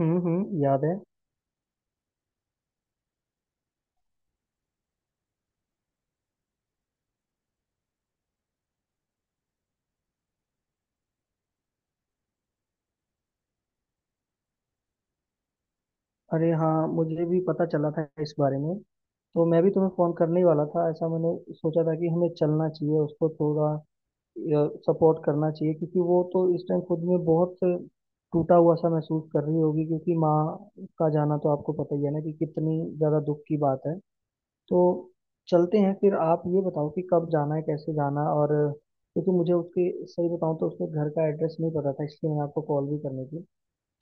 हम्म, याद है। अरे हाँ, मुझे भी पता चला था इस बारे में। तो मैं भी तुम्हें फोन करने ही वाला था, ऐसा मैंने सोचा था कि हमें चलना चाहिए उसको थोड़ा सपोर्ट करना चाहिए, क्योंकि वो तो इस टाइम खुद में बहुत टूटा हुआ सा महसूस कर रही होगी, क्योंकि माँ का जाना तो आपको पता ही है ना कि कितनी ज्यादा दुख की बात है। तो चलते हैं फिर। आप ये बताओ कि कब जाना है, कैसे जाना, और क्योंकि मुझे उसके, सही बताऊं तो उसके घर का एड्रेस नहीं पता था, इसलिए मैंने आपको कॉल भी करनी थी।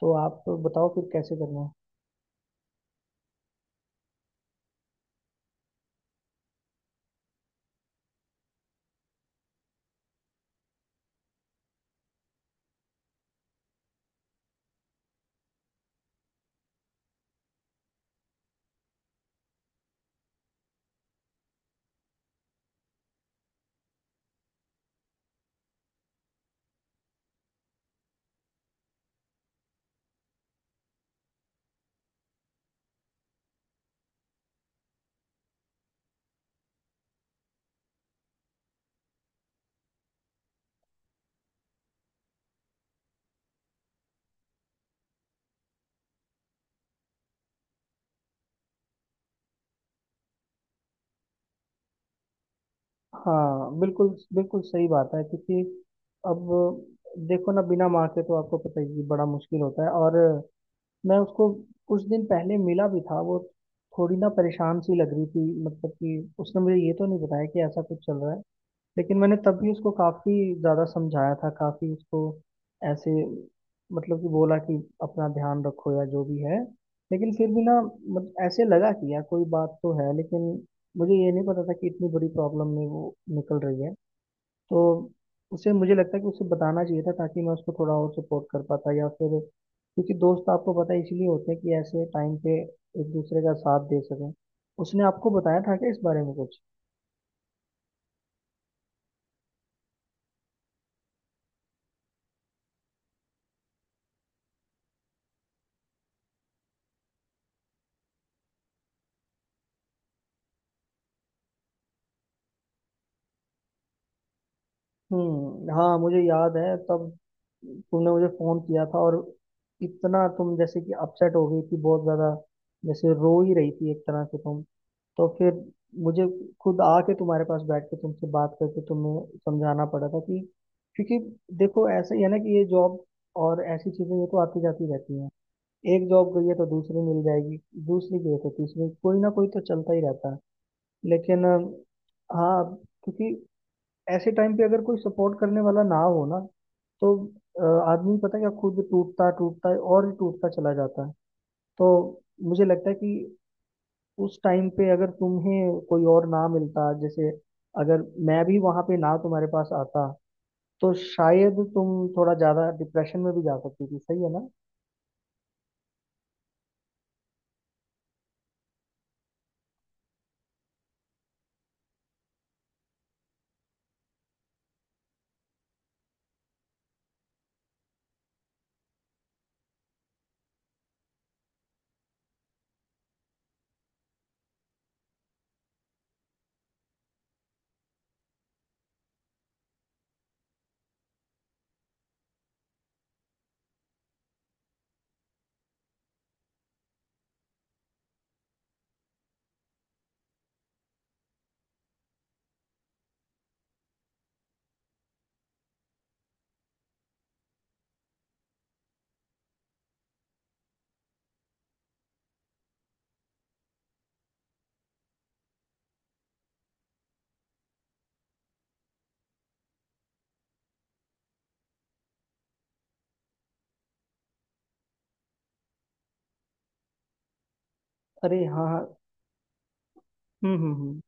तो आप बताओ फिर कैसे करना है। हाँ बिल्कुल, बिल्कुल सही बात है। क्योंकि अब देखो ना, बिना माँ के तो आपको पता ही है, बड़ा मुश्किल होता है। और मैं उसको कुछ दिन पहले मिला भी था, वो थोड़ी ना परेशान सी लग रही थी। मतलब कि उसने मुझे ये तो नहीं बताया कि ऐसा कुछ चल रहा है, लेकिन मैंने तब भी उसको काफी ज्यादा समझाया था, काफी उसको ऐसे, मतलब कि बोला कि अपना ध्यान रखो या जो भी है। लेकिन फिर भी ना, ऐसे लगा कि यार कोई बात तो है, लेकिन मुझे ये नहीं पता था कि इतनी बड़ी प्रॉब्लम में वो निकल रही है। तो उसे, मुझे लगता है कि उसे बताना चाहिए था, ताकि मैं उसको थोड़ा और सपोर्ट कर पाता, या फिर क्योंकि दोस्त आपको पता है इसलिए होते हैं कि ऐसे टाइम पे एक दूसरे का साथ दे सकें। उसने आपको बताया था क्या इस बारे में कुछ? हम्म, हाँ मुझे याद है। तब तुमने मुझे फोन किया था, और इतना तुम जैसे कि अपसेट हो गई थी बहुत ज्यादा, जैसे रो ही रही थी एक तरह से तुम। तो फिर मुझे खुद आके तुम्हारे पास बैठ के तुमसे बात करके तुम्हें समझाना पड़ा था कि, क्योंकि देखो ऐसा ही है ना कि ये जॉब और ऐसी चीजें, ये तो आती जाती रहती हैं। एक जॉब गई है तो दूसरी मिल जाएगी, दूसरी गई है तो तीसरी, कोई ना कोई तो चलता ही रहता है। लेकिन हाँ, क्योंकि ऐसे टाइम पे अगर कोई सपोर्ट करने वाला ना हो ना, तो अ, आदमी पता है क्या, खुद टूटता टूटता है और ही टूटता चला जाता है। तो मुझे लगता है कि उस टाइम पे अगर तुम्हें कोई और ना मिलता, जैसे अगर मैं भी वहां पे ना तुम्हारे पास आता, तो शायद तुम थोड़ा ज्यादा डिप्रेशन में भी जा सकती थी, सही है ना? अरे हाँ हाँ। हम्म।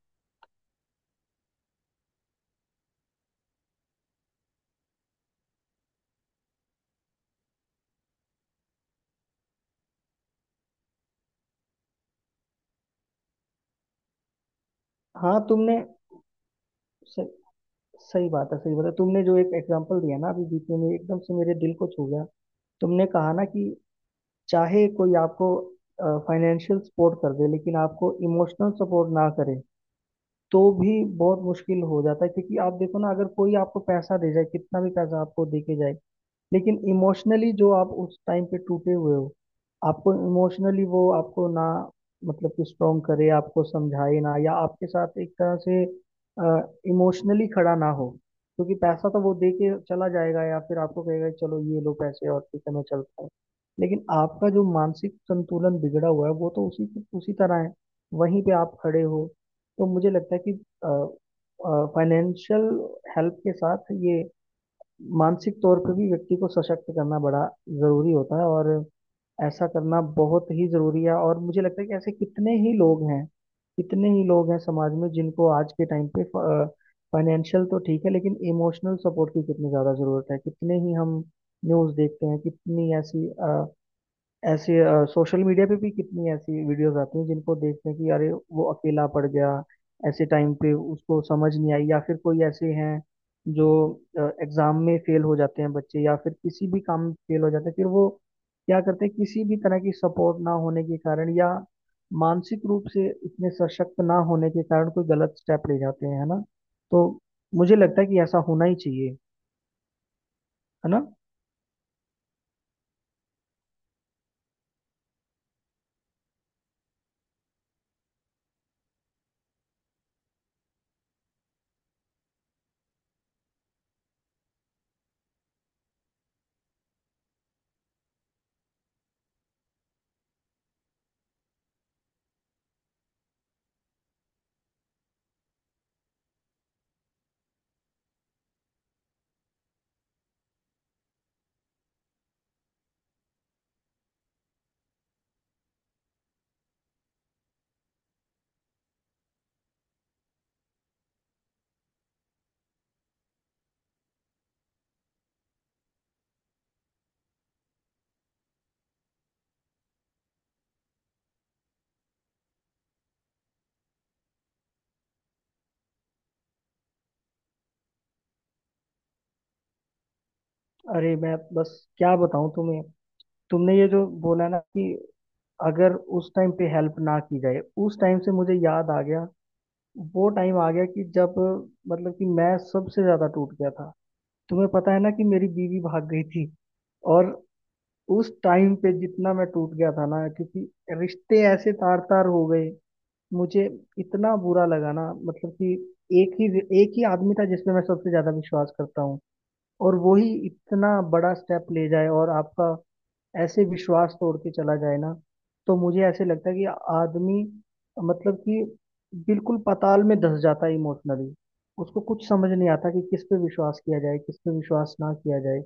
हाँ तुमने सही, सही बात है, सही बात है। तुमने जो एक एग्जांपल दिया ना अभी बीच में, एकदम से मेरे दिल को छू गया। तुमने कहा ना कि चाहे कोई आपको फाइनेंशियल सपोर्ट कर दे, लेकिन आपको इमोशनल सपोर्ट ना करे, तो भी बहुत मुश्किल हो जाता है। क्योंकि आप देखो ना, अगर कोई आपको पैसा दे जाए, कितना भी पैसा आपको दे के जाए, लेकिन इमोशनली जो आप उस टाइम पे टूटे हुए हो, आपको इमोशनली वो आपको ना, मतलब कि स्ट्रोंग करे, आपको समझाए ना, या आपके साथ एक तरह से इमोशनली खड़ा ना हो। क्योंकि पैसा तो वो दे के चला जाएगा, या फिर आपको कहेगा कि चलो ये लो पैसे और ठीक है मैं चलता हूँ। लेकिन आपका जो मानसिक संतुलन बिगड़ा हुआ है, वो तो उसी उसी तरह है, वहीं पे आप खड़े हो। तो मुझे लगता है कि फाइनेंशियल हेल्प के साथ ये मानसिक तौर पे भी व्यक्ति को सशक्त करना बड़ा जरूरी होता है, और ऐसा करना बहुत ही जरूरी है। और मुझे लगता है कि ऐसे कितने ही लोग हैं, कितने ही लोग हैं समाज में जिनको आज के टाइम पे फाइनेंशियल तो ठीक है, लेकिन इमोशनल सपोर्ट की कितनी ज्यादा जरूरत है। कितने ही हम न्यूज़ देखते हैं, कितनी ऐसी, ऐसे सोशल मीडिया पे भी कितनी ऐसी वीडियोस आती हैं जिनको देखते हैं कि अरे वो अकेला पड़ गया, ऐसे टाइम पे उसको समझ नहीं आई। या फिर कोई ऐसे हैं जो एग्जाम में फेल हो जाते हैं बच्चे, या फिर किसी भी काम में फेल हो जाते हैं, फिर वो क्या करते हैं, किसी भी तरह की सपोर्ट ना होने के कारण या मानसिक रूप से इतने सशक्त ना होने के कारण कोई गलत स्टेप ले जाते हैं, है ना। तो मुझे लगता है कि ऐसा होना ही चाहिए। है ना। अरे मैं बस क्या बताऊं तुम्हें। तुमने ये जो बोला ना कि अगर उस टाइम पे हेल्प ना की जाए, उस टाइम से मुझे याद आ गया, वो टाइम आ गया कि जब, मतलब कि मैं सबसे ज़्यादा टूट गया था। तुम्हें पता है ना कि मेरी बीवी भाग गई थी। और उस टाइम पे जितना मैं टूट गया था ना, क्योंकि रिश्ते ऐसे तार तार हो गए, मुझे इतना बुरा लगा ना। मतलब कि एक ही एक ही आदमी था जिस पे मैं सबसे ज़्यादा विश्वास करता हूँ, और वो ही इतना बड़ा स्टेप ले जाए और आपका ऐसे विश्वास तोड़ के चला जाए ना। तो मुझे ऐसे लगता है कि आदमी, मतलब कि बिल्कुल पाताल में धंस जाता है इमोशनली। उसको कुछ समझ नहीं आता कि किस पे विश्वास किया जाए, किस पे विश्वास ना किया जाए।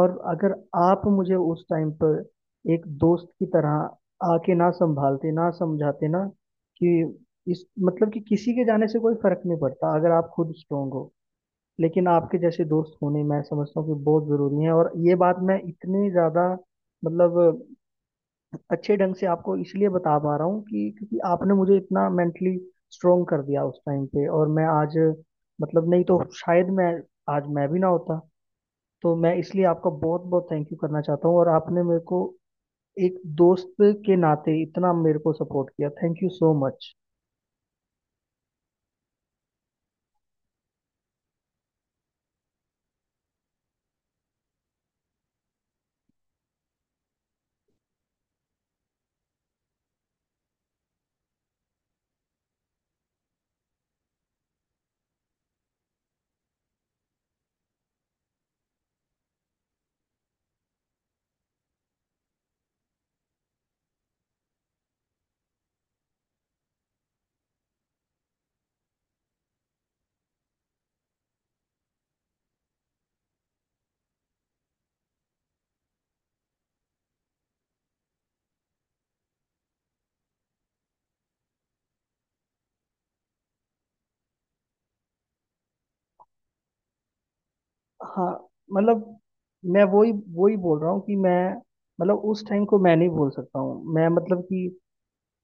और अगर आप मुझे उस टाइम पर एक दोस्त की तरह आके ना संभालते ना, समझाते ना कि इस, मतलब कि किसी के जाने से कोई फर्क नहीं पड़ता अगर आप खुद स्ट्रोंग हो। लेकिन आपके जैसे दोस्त होने, मैं समझता हूँ कि बहुत जरूरी है। और ये बात मैं इतनी ज्यादा, मतलब अच्छे ढंग से आपको इसलिए बता पा रहा हूँ कि क्योंकि आपने मुझे इतना मेंटली स्ट्रोंग कर दिया उस टाइम पे। और मैं आज, मतलब नहीं तो शायद मैं आज मैं भी ना होता। तो मैं इसलिए आपका बहुत बहुत थैंक यू करना चाहता हूँ। और आपने मेरे को एक दोस्त के नाते इतना मेरे को सपोर्ट किया, थैंक यू सो मच। हाँ, मतलब मैं वही वही बोल रहा हूँ कि मैं, मतलब उस टाइम को मैं नहीं भूल सकता हूँ। मैं मतलब कि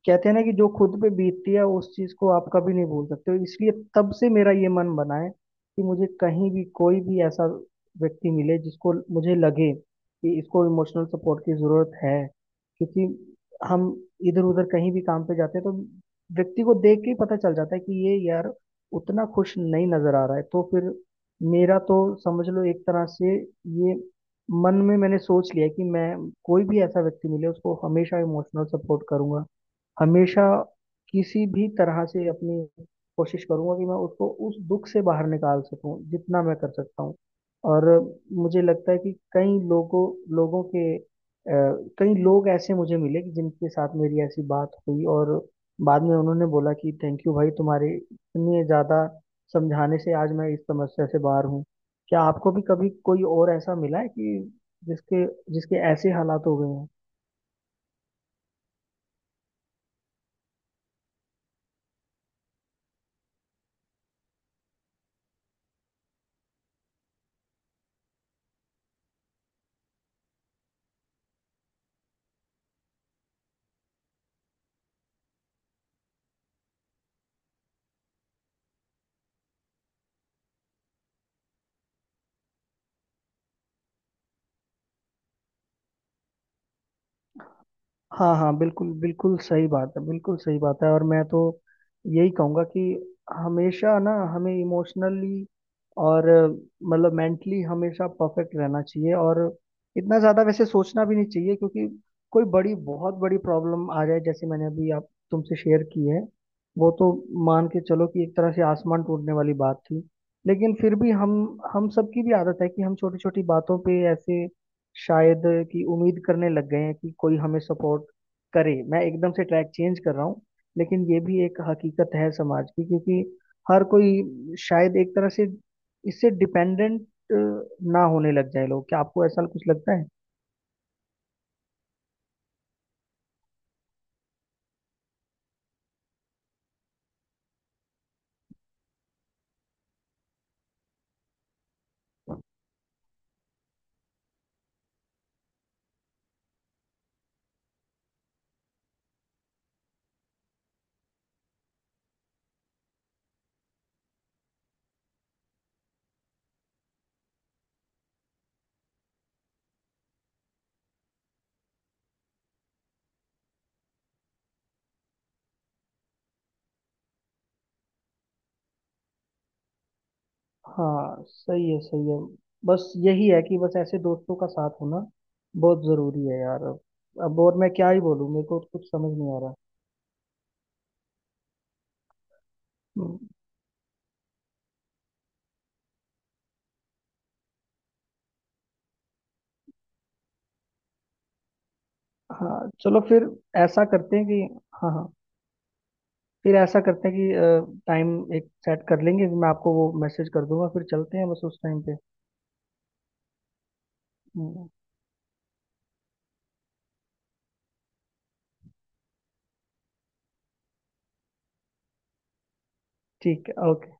कहते हैं ना कि जो खुद पे बीतती है उस चीज को आप कभी नहीं भूल सकते हो। इसलिए तब से मेरा ये मन बना है कि मुझे कहीं भी कोई भी ऐसा व्यक्ति मिले जिसको मुझे लगे कि इसको इमोशनल सपोर्ट की जरूरत है। क्योंकि हम इधर उधर कहीं भी काम पे जाते हैं, तो व्यक्ति को देख के ही पता चल जाता है कि ये यार उतना खुश नहीं नजर आ रहा है। तो फिर मेरा तो समझ लो एक तरह से ये मन में मैंने सोच लिया है कि मैं, कोई भी ऐसा व्यक्ति मिले उसको हमेशा इमोशनल सपोर्ट करूंगा, हमेशा। किसी भी तरह से अपनी कोशिश करूंगा कि मैं उसको उस दुख से बाहर निकाल सकूं, जितना मैं कर सकता हूं। और मुझे लगता है कि कई लोगों लोगों के कई लोग ऐसे मुझे मिले कि जिनके साथ मेरी ऐसी बात हुई, और बाद में उन्होंने बोला कि थैंक यू भाई, तुम्हारे इतने ज़्यादा समझाने से आज मैं इस समस्या से बाहर हूँ। क्या आपको भी कभी कोई और ऐसा मिला है कि जिसके जिसके ऐसे हालात हो गए हैं? हाँ हाँ, बिल्कुल बिल्कुल सही बात है, बिल्कुल सही बात है। और मैं तो यही कहूँगा कि हमेशा ना हमें इमोशनली और मतलब मेंटली हमेशा परफेक्ट रहना चाहिए, और इतना ज़्यादा वैसे सोचना भी नहीं चाहिए। क्योंकि कोई बड़ी, बहुत बड़ी प्रॉब्लम आ जाए जैसे मैंने अभी आप तुमसे शेयर की है, वो तो मान के चलो कि एक तरह से आसमान टूटने वाली बात थी। लेकिन फिर भी हम सबकी भी आदत है कि हम छोटी छोटी बातों पे ऐसे, शायद कि उम्मीद करने लग गए हैं कि कोई हमें सपोर्ट करे। मैं एकदम से ट्रैक चेंज कर रहा हूँ, लेकिन ये भी एक हकीकत है समाज की। क्योंकि हर कोई शायद एक तरह से इससे डिपेंडेंट ना होने लग जाए लोग, क्या आपको ऐसा कुछ लगता है? हाँ सही है, सही है। बस यही है कि बस ऐसे दोस्तों का साथ होना बहुत ज़रूरी है यार। अब और मैं क्या ही बोलूँ, मेरे को कुछ समझ नहीं आ रहा। हम्म। हाँ चलो फिर ऐसा करते हैं कि, हाँ हाँ, फिर ऐसा करते हैं कि टाइम एक सेट कर लेंगे, मैं आपको वो मैसेज कर दूंगा, फिर चलते हैं बस उस टाइम पे। हम्म, ठीक है, ओके।